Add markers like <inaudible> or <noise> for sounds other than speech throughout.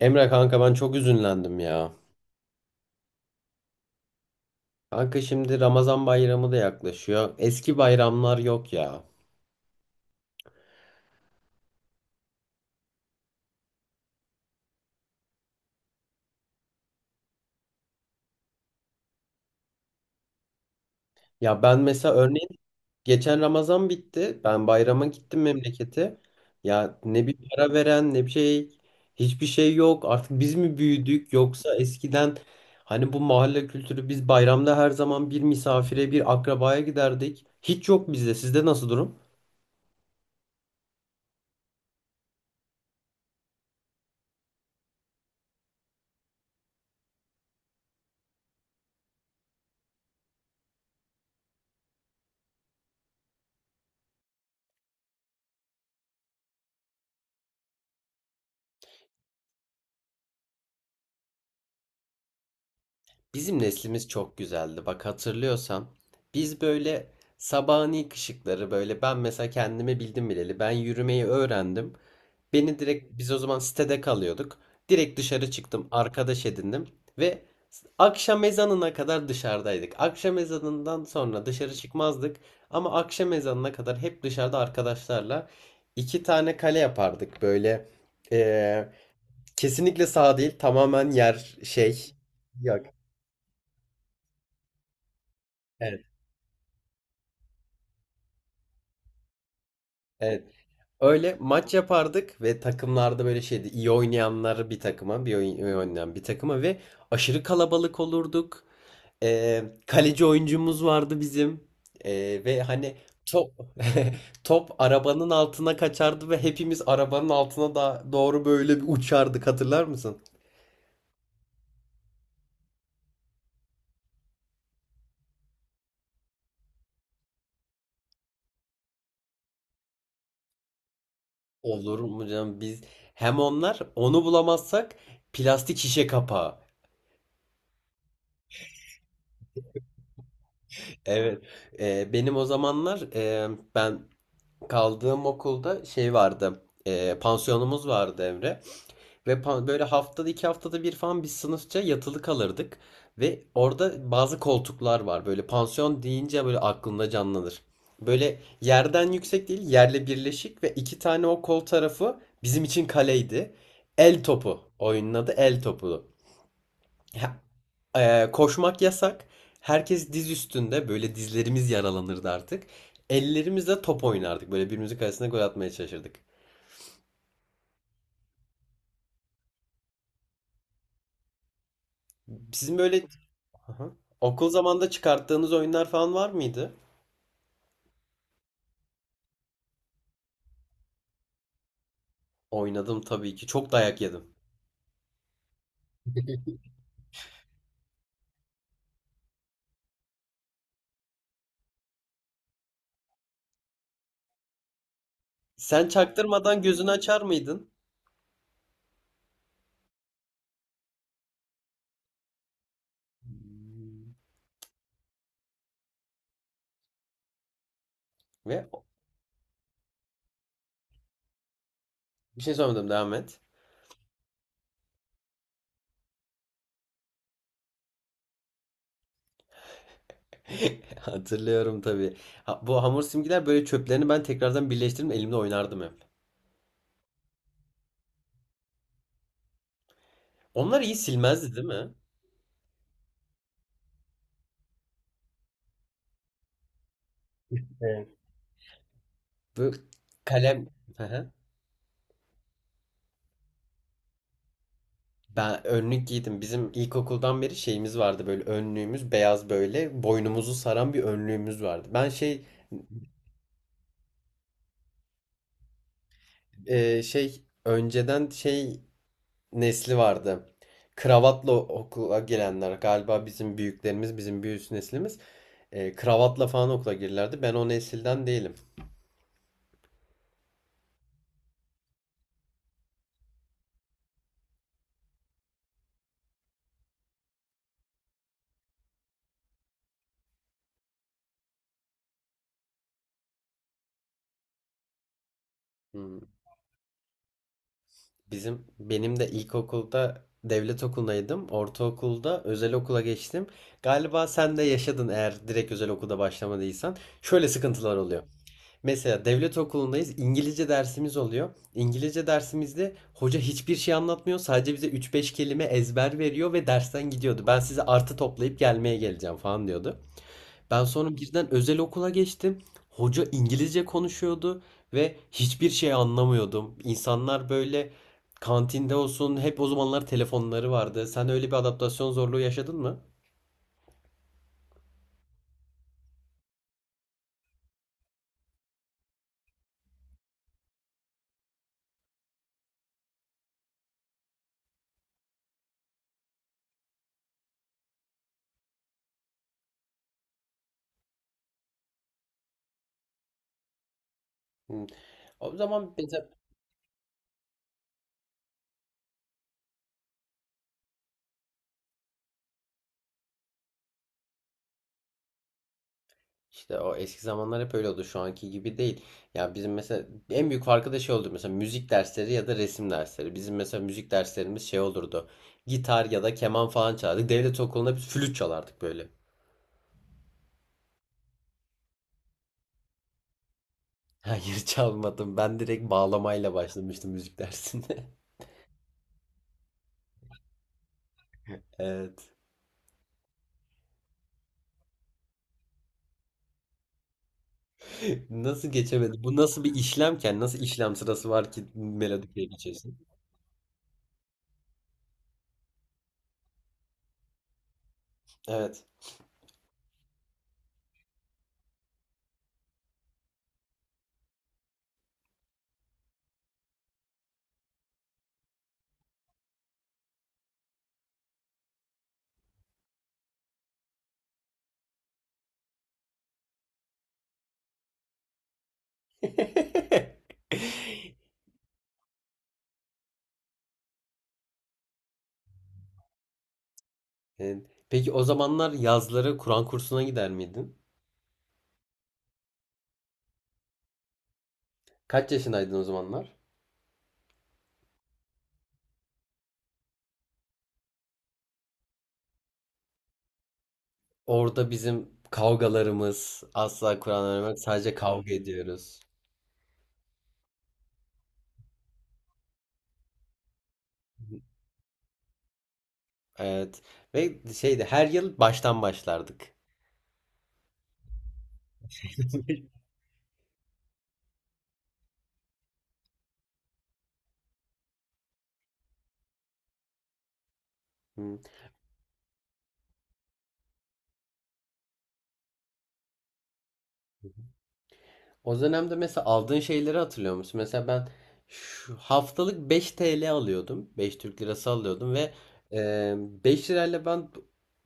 Emre kanka ben çok üzünlendim ya. Kanka şimdi Ramazan bayramı da yaklaşıyor. Eski bayramlar yok ya. Ya ben mesela örneğin geçen Ramazan bitti. Ben bayrama gittim memlekete. Ya ne bir para veren ne bir şey. Hiçbir şey yok. Artık biz mi büyüdük yoksa eskiden hani bu mahalle kültürü biz bayramda her zaman bir misafire bir akrabaya giderdik. Hiç yok bizde. Sizde nasıl durum? Bizim neslimiz çok güzeldi. Bak hatırlıyorsam biz böyle sabahın ilk ışıkları böyle ben mesela kendime bildim bileli ben yürümeyi öğrendim. Beni direkt biz o zaman sitede kalıyorduk. Direkt dışarı çıktım, arkadaş edindim ve akşam ezanına kadar dışarıdaydık. Akşam ezanından sonra dışarı çıkmazdık ama akşam ezanına kadar hep dışarıda arkadaşlarla iki tane kale yapardık böyle. eee, Kesinlikle sağ değil, tamamen yer şey. Yok. Evet. Evet. Öyle maç yapardık ve takımlarda böyle şeydi. İyi oynayanları bir takıma, bir oyun, iyi oynayan bir takıma ve aşırı kalabalık olurduk. Kaleci oyuncumuz vardı bizim. Ve hani top <laughs> top arabanın altına kaçardı ve hepimiz arabanın altına da doğru böyle bir uçardık hatırlar mısın? Olur mu canım biz hem onlar onu bulamazsak plastik şişe kapağı. Evet. Benim o zamanlar ben kaldığım okulda şey vardı. E, pansiyonumuz vardı Emre. Ve böyle haftada iki haftada bir falan biz sınıfça yatılı kalırdık. Ve orada bazı koltuklar var. Böyle pansiyon deyince böyle aklında canlanır. Böyle yerden yüksek değil, yerle birleşik ve iki tane o kol tarafı bizim için kaleydi. El topu. Oyunun adı el topu. Koşmak yasak. Herkes diz üstünde böyle dizlerimiz yaralanırdı artık. Ellerimizle top oynardık. Böyle birbirimizin kalesine gol atmaya çalışırdık. Sizin böyle aha okul zamanında çıkarttığınız oyunlar falan var mıydı? Oynadım tabii ki. Çok dayak yedim. Sen çaktırmadan gözünü açar mıydın? Ve bir şey sormadım devam et. <laughs> Hatırlıyorum tabii. Ha, bu hamur simgiler böyle çöplerini ben tekrardan birleştirip elimle oynardım hep. Onlar iyi silmezdi değil mi? Evet. Bu kalem... <laughs> Ben önlük giydim. Bizim ilkokuldan beri şeyimiz vardı böyle önlüğümüz beyaz böyle boynumuzu saran bir önlüğümüz vardı. Ben şey, şey önceden şey nesli vardı. Kravatla okula gelenler galiba bizim büyüklerimiz bizim bir üst neslimiz kravatla falan okula girerlerdi. Ben o nesilden değilim. Hmm. Benim de ilkokulda devlet okulundaydım. Ortaokulda özel okula geçtim. Galiba sen de yaşadın eğer direkt özel okulda başlamadıysan. Şöyle sıkıntılar oluyor. Mesela devlet okulundayız. İngilizce dersimiz oluyor. İngilizce dersimizde hoca hiçbir şey anlatmıyor. Sadece bize üç beş kelime ezber veriyor ve dersten gidiyordu. Ben size artı toplayıp gelmeye geleceğim falan diyordu. Ben sonra birden özel okula geçtim. Hoca İngilizce konuşuyordu ve hiçbir şey anlamıyordum. İnsanlar böyle kantinde olsun hep o zamanlar telefonları vardı. Sen öyle bir adaptasyon zorluğu yaşadın mı? Hı. O zaman mesela İşte o eski zamanlar hep öyle oldu. Şu anki gibi değil. Ya bizim mesela en büyük farkı da şey oldu. Mesela müzik dersleri ya da resim dersleri. Bizim mesela müzik derslerimiz şey olurdu. Gitar ya da keman falan çalardık. Devlet okulunda biz flüt çalardık böyle. <laughs> Hayır çalmadım. Ben direkt bağlamayla başlamıştım müzik dersinde. <laughs> Evet. <laughs> Nasıl geçemedi? Bu nasıl bir işlemken, nasıl işlem sırası var ki melodiye geçesin? Evet. <laughs> Evet. Peki o zamanlar yazları Kur'an kursuna gider miydin? Kaç yaşındaydın o zamanlar? Orada bizim kavgalarımız asla Kur'an öğrenmek sadece kavga ediyoruz. Evet. Ve şeydi her yıl baştan başlardık. <laughs> Hı. O dönemde mesela aldığın şeyleri hatırlıyor musun? Mesela ben şu haftalık 5 TL alıyordum. Beş Türk lirası alıyordum ve e, 5 lirayla ben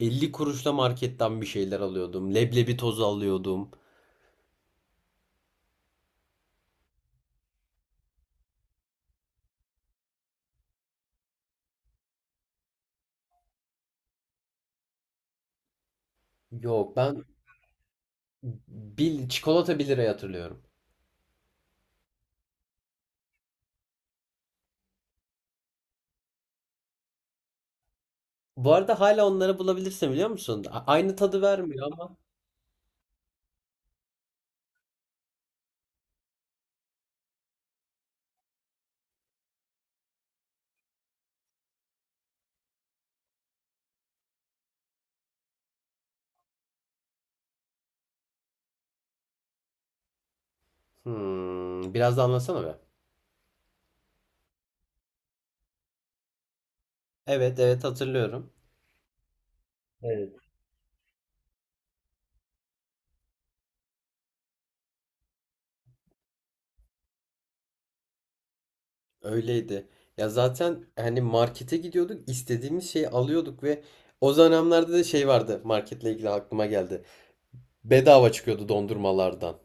50 kuruşla marketten bir şeyler alıyordum. Leblebi tozu alıyordum. Yok ben çikolata bir liraya hatırlıyorum. Bu arada hala onları bulabilirsin biliyor musun? Aynı tadı vermiyor ama. Hmm, biraz da anlasana be. Evet, evet hatırlıyorum. Evet. Öyleydi. Ya zaten hani markete gidiyorduk, istediğimiz şeyi alıyorduk ve o dönemlerde de şey vardı marketle ilgili aklıma geldi. Bedava çıkıyordu dondurmalardan.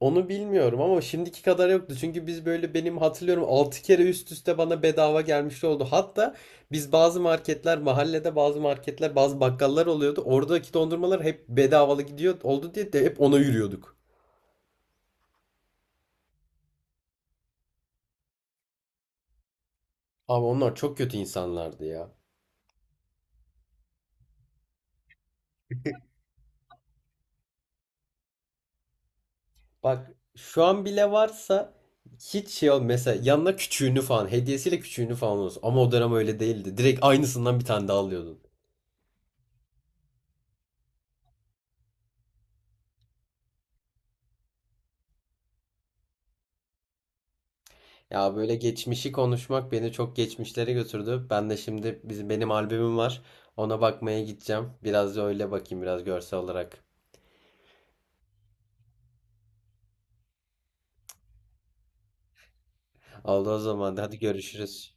Onu bilmiyorum ama şimdiki kadar yoktu. Çünkü biz böyle benim hatırlıyorum 6 kere üst üste bana bedava gelmiş oldu. Hatta biz bazı marketler mahallede bazı marketler bazı bakkallar oluyordu. Oradaki dondurmalar hep bedavalı gidiyor oldu diye de hep ona yürüyorduk. Ama onlar çok kötü insanlardı ya. Bak şu an bile varsa hiç şey ol mesela yanına küçüğünü falan hediyesiyle küçüğünü falan olsun. Ama o dönem öyle değildi. Direkt aynısından bir tane daha alıyordun. Ya böyle geçmişi konuşmak beni çok geçmişlere götürdü. Ben de şimdi benim albümüm var. Ona bakmaya gideceğim. Biraz da öyle bakayım biraz görsel olarak. Oldu o zaman. Hadi görüşürüz.